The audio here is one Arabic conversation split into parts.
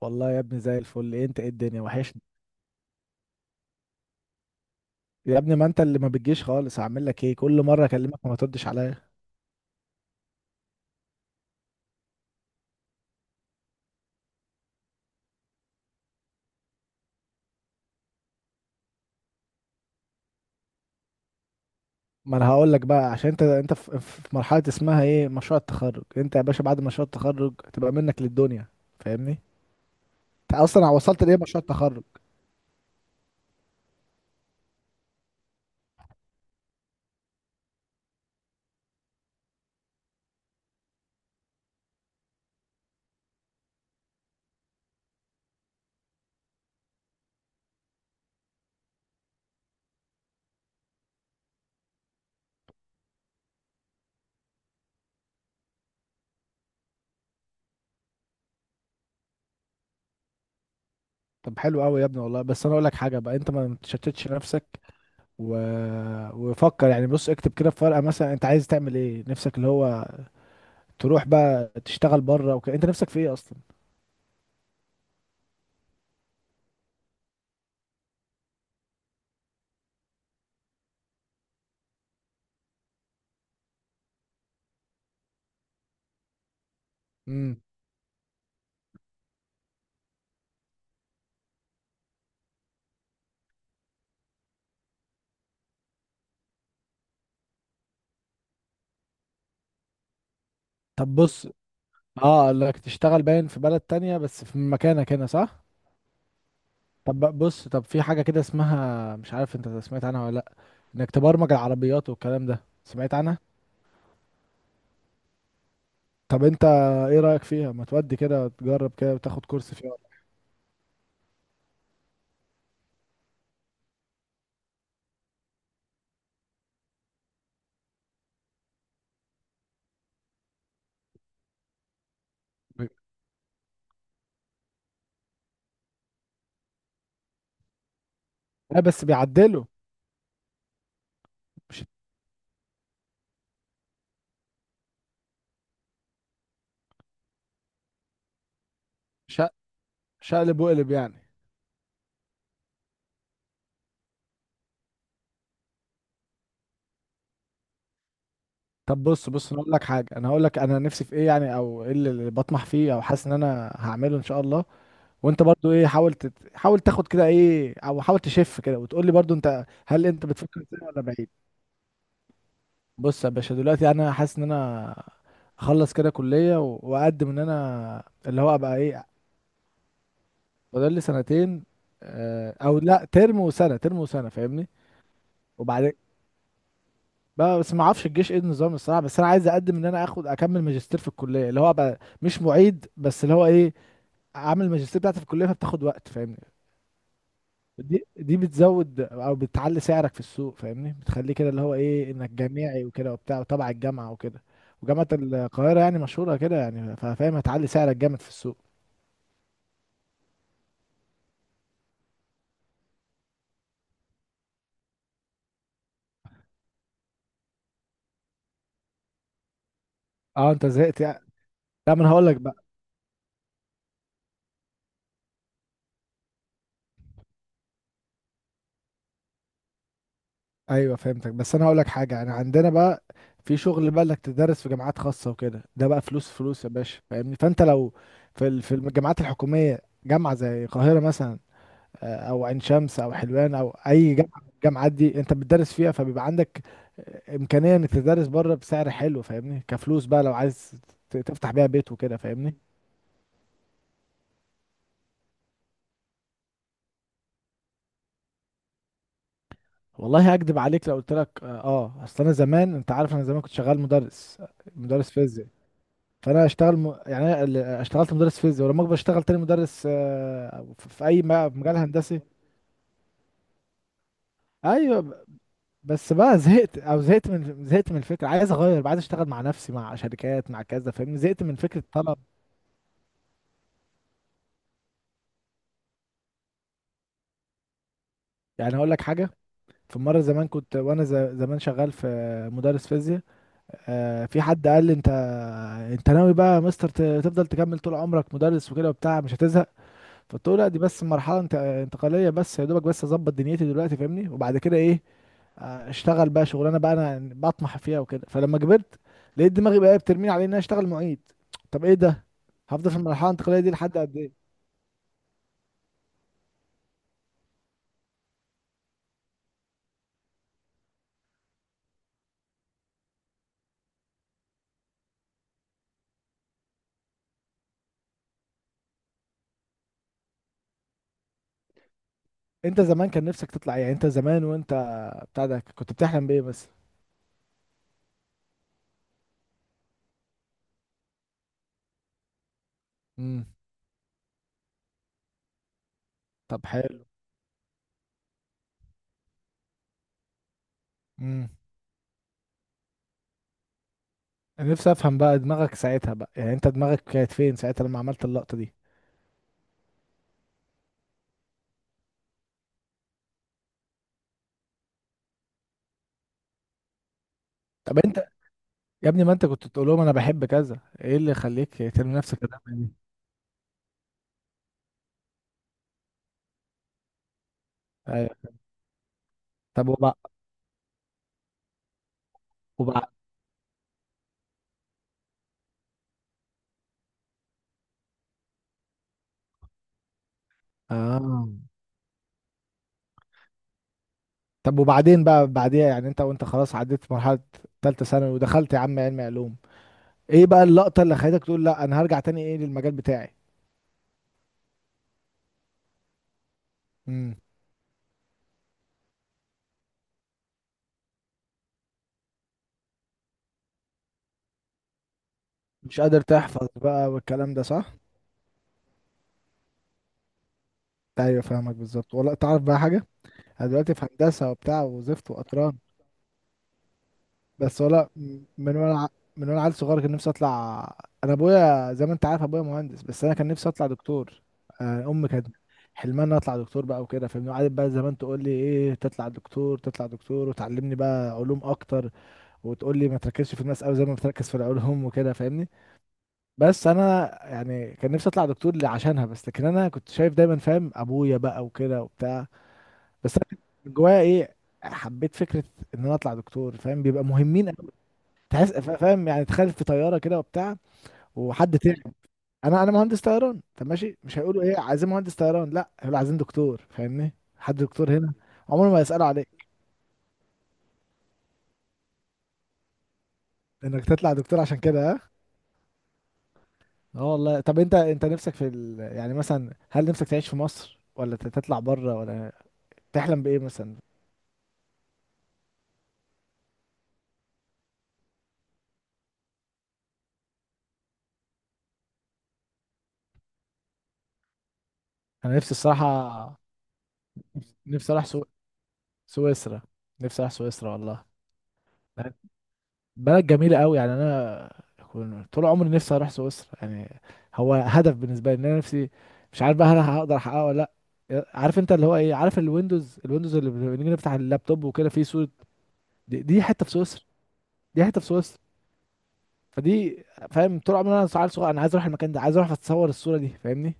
والله يا ابني، زي الفل. ايه انت؟ ايه، الدنيا وحشني. يا ابني، ما انت اللي ما بتجيش خالص، هعمل لك ايه؟ كل مره اكلمك وما تردش عليا. ما انا هقول لك بقى، عشان انت في مرحله اسمها ايه، مشروع التخرج. انت يا باشا بعد مشروع التخرج تبقى منك للدنيا، فاهمني؟ انت اصلا وصلت لايه، مشروع التخرج؟ طب حلو قوي يا ابني والله، بس انا اقول لك حاجه بقى: انت ما تشتتش نفسك و... وفكر. يعني بص، اكتب كده في ورقه مثلا انت عايز تعمل ايه، نفسك اللي هو تروح بقى تشتغل بره وكده. انت نفسك في ايه اصلا؟ امم طب بص، اه قال لك تشتغل باين في بلد تانية بس في مكانك هنا، صح؟ طب بص، طب في حاجة كده اسمها، مش عارف انت سمعت عنها ولا لأ، انك تبرمج العربيات والكلام ده، سمعت عنها؟ طب انت ايه رأيك فيها؟ ما تودي كده وتجرب كده وتاخد كورس فيها ولا حاجة؟ لا بس بيعدلوا. مش شق- شقلب وقلب يعني. طب بص، انا اقول لك حاجة، انا هقول لك انا نفسي في ايه، يعني او ايه اللي بطمح فيه، او حاسس ان انا هعمله ان شاء الله. وانت برضو ايه، حاول تاخد كده ايه، او حاول تشف كده وتقول لي برضو انت، هل انت بتفكر كده ولا بعيد؟ بص يا باشا، دلوقتي انا حاسس ان انا اخلص كده كلية واقدم ان انا اللي هو ابقى ايه. فاضل لي سنتين، او لا، ترم وسنة، ترم وسنة، فاهمني؟ وبعدين بقى، بس ما اعرفش الجيش ايه النظام الصراحة، بس انا عايز اقدم ان انا اخد اكمل ماجستير في الكلية، اللي هو ابقى مش معيد بس، اللي هو ايه، عامل الماجستير بتاعتي في الكلية، فبتاخد وقت فاهمني. دي بتزود او بتعلي سعرك في السوق، فاهمني؟ بتخليه كده اللي هو ايه، انك جامعي وكده وبتاع وتبع الجامعه وكده. وجامعه القاهره يعني مشهوره كده، يعني فاهم هتعلي سعرك جامد في السوق. اه، انت زهقت يعني. لا، ما انا هقول لك بقى. ايوه فهمتك، بس انا هقول لك حاجه، يعني عندنا بقى في شغل بقى انك تدرس في جامعات خاصه وكده، ده بقى فلوس فلوس يا باشا فاهمني. فانت لو في الجامعات الحكوميه، جامعه زي القاهره مثلا، او عين شمس او حلوان او اي جامعه من الجامعات دي، انت بتدرس فيها فبيبقى عندك امكانيه انك تدرس بره بسعر حلو، فاهمني؟ كفلوس بقى، لو عايز تفتح بيها بيت وكده، فاهمني؟ والله هكدب عليك لو قلت لك اه، اصل انا زمان، انت عارف انا زمان كنت شغال مدرس. مدرس فيزياء. فانا اشتغل يعني أنا اشتغلت مدرس فيزياء، ولما اكبر اشتغل تاني مدرس، في في مجال هندسي. ايوه. بس بقى زهقت من الفكره، عايز اغير بقى، عايز اشتغل مع نفسي، مع شركات، مع كذا، فاهمني؟ زهقت من فكره الطلب. يعني هقول لك حاجه، في مره زمان كنت وانا زمان شغال في، مدرس فيزياء، في حد قال لي: انت ناوي بقى يا مستر تفضل تكمل طول عمرك مدرس وكده وبتاع، مش هتزهق؟ فقلت له لا، دي بس مرحله انت انتقاليه، بس يا دوبك بس اظبط دنيتي دلوقتي فاهمني، وبعد كده ايه، اشتغل بقى شغلانه بقى انا يعني بطمح فيها وكده. فلما كبرت لقيت دماغي بقى بترميني على ان انا اشتغل معيد. طب ايه ده، هفضل في المرحله الانتقاليه دي لحد قد ايه؟ انت زمان كان نفسك تطلع ايه؟ يعني انت زمان وانت بتاع ده كنت بتحلم بايه بس؟ امم. طب حلو. امم. انا نفسي افهم بقى دماغك ساعتها بقى، يعني انت دماغك كانت فين ساعتها لما عملت اللقطه دي؟ طب انت، يا ابني ما انت كنت تقول لهم انا بحب كذا، ايه اللي يخليك ترمي نفسك كده؟ ايوه. طب وبعد اه. طب وبعدين بقى بعديها، يعني انت وانت خلاص عديت مرحلة تالتة ثانوي ودخلت يا عم علم علوم، ايه بقى اللقطة اللي خلتك تقول لا انا هرجع تاني ايه للمجال بتاعي؟ امم. مش قادر تحفظ بقى والكلام ده، صح؟ ايوه، فاهمك بالظبط. والله تعرف بقى حاجة، انا دلوقتي في هندسة وبتاع، وزفت وقطران، بس ولا، من وانا ع- من وانا عيل صغير كان نفسي اطلع. انا ابويا، زي ما انت عارف، ابويا مهندس، بس انا كان نفسي اطلع دكتور. آه، امي كانت حلمها ان أنا اطلع دكتور بقى وكده، فاهمني؟ قعدت بقى زمان تقول لي ايه، تطلع دكتور تطلع دكتور، وتعلمني بقى علوم اكتر، وتقول لي ما تركزش في الماس قوي زي ما بتركز في العلوم وكده، فاهمني؟ بس انا يعني كان نفسي اطلع دكتور عشانها بس، لكن انا كنت شايف دايما، فاهم، ابويا بقى وكده وبتاع. بس انا كنت من جوايا ايه، حبيت فكرة ان انا اطلع دكتور، فاهم بيبقى مهمين. تحس، فاهم؟ يعني تخيل في طياره كده وبتاع، وحد تعب. انا مهندس طيران، طب ماشي، مش هيقولوا ايه، عايزين مهندس طيران؟ لا، هيقولوا عايزين دكتور، فاهمني؟ حد دكتور هنا. عمرهم ما يسالوا عليك انك تطلع دكتور عشان كده، ها. اه والله. طب انت نفسك في يعني مثلا هل نفسك تعيش في مصر، ولا تطلع بره، ولا تحلم بايه مثلا؟ انا نفسي الصراحه، نفسي اروح سويسرا. نفسي اروح سويسرا والله. بلد جميلة قوي يعني، انا طول عمري نفسي اروح سويسرا يعني. هو هدف بالنسبة لي، ان انا نفسي، مش عارف بقى هل هقدر احققه ولا لا. عارف انت اللي هو ايه، عارف الويندوز اللي بنيجي نفتح اللابتوب وكده فيه صورة، دي حتة في سويسرا. دي حتة في سويسرا. فدي، فاهم، طول عمري انا عيل صغير انا عايز اروح المكان ده، عايز اروح اتصور الصورة دي، فاهمني.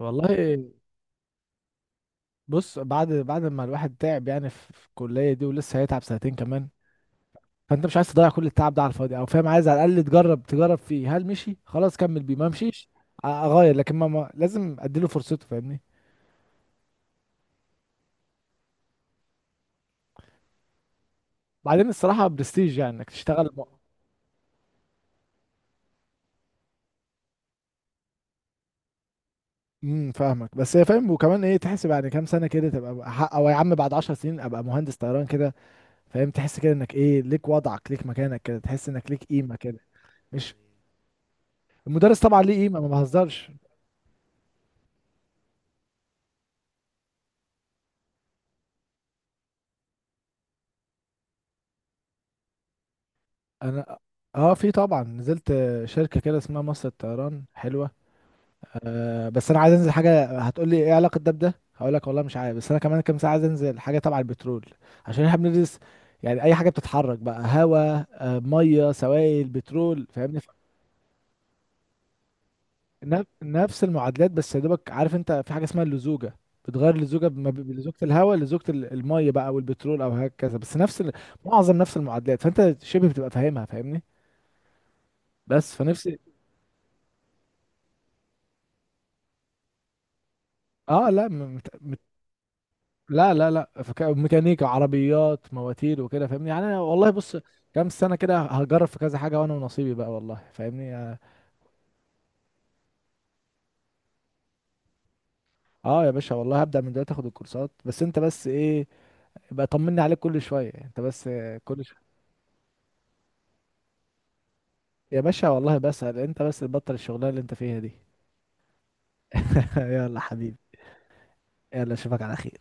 والله بص، بعد ما الواحد تعب يعني في الكلية دي، ولسه هيتعب سنتين كمان، فانت مش عايز تضيع كل التعب ده على الفاضي، او فاهم، عايز على الاقل تجرب فيه، هل مشي خلاص كمل بيه، ما مشيش اغير، لكن ما لازم اديله فرصته، فاهمني؟ بعدين الصراحه برستيج، يعني انك تشتغل امم. فاهمك. بس هي، فاهم، وكمان ايه، تحسب يعني كام سنه كده تبقى حق، او يا عم بعد 10 سنين ابقى مهندس طيران كده، فاهم؟ تحس كده انك ايه، ليك وضعك، ليك مكانك كده، تحس انك ليك قيمه كده. مش المدرس طبعا ليه قيمه، ما بهزرش. انا اه في طبعا، نزلت شركه كده اسمها مصر الطيران، حلوه. أه، بس انا عايز انزل حاجه، هتقول لي ايه علاقه ده بده، هقول لك والله مش عارف، بس انا كمان كام ساعه عايز انزل حاجه تبع البترول، عشان احنا بندرس، يعني اي حاجه بتتحرك بقى، هواء، ميه، سوائل، بترول، فاهمني؟ نفس المعادلات، بس يا دوبك، عارف انت في حاجه اسمها اللزوجه، بتغير اللزوجه بلزوجه الهواء، لزوجه الميه بقى، او البترول، او هكذا، بس نفس معظم نفس المعادلات، فانت شبه بتبقى فاهمها، فاهمني؟ بس فنفسي. اه، لا لا لا لا. ميكانيكا عربيات، مواتير، وكده، فاهمني؟ يعني انا والله بص، كام سنه كده هجرب في كذا حاجه، وانا ونصيبي بقى والله، فاهمني. اه. آه يا باشا والله، هبدا من دلوقتي اخد الكورسات، بس انت بس ايه، بقى طمني عليك كل شويه، انت بس كل شويه. يا باشا والله بسأل، انت بس تبطل الشغلانه اللي انت فيها دي. يلا حبيبي. يلا اشوفك على خير.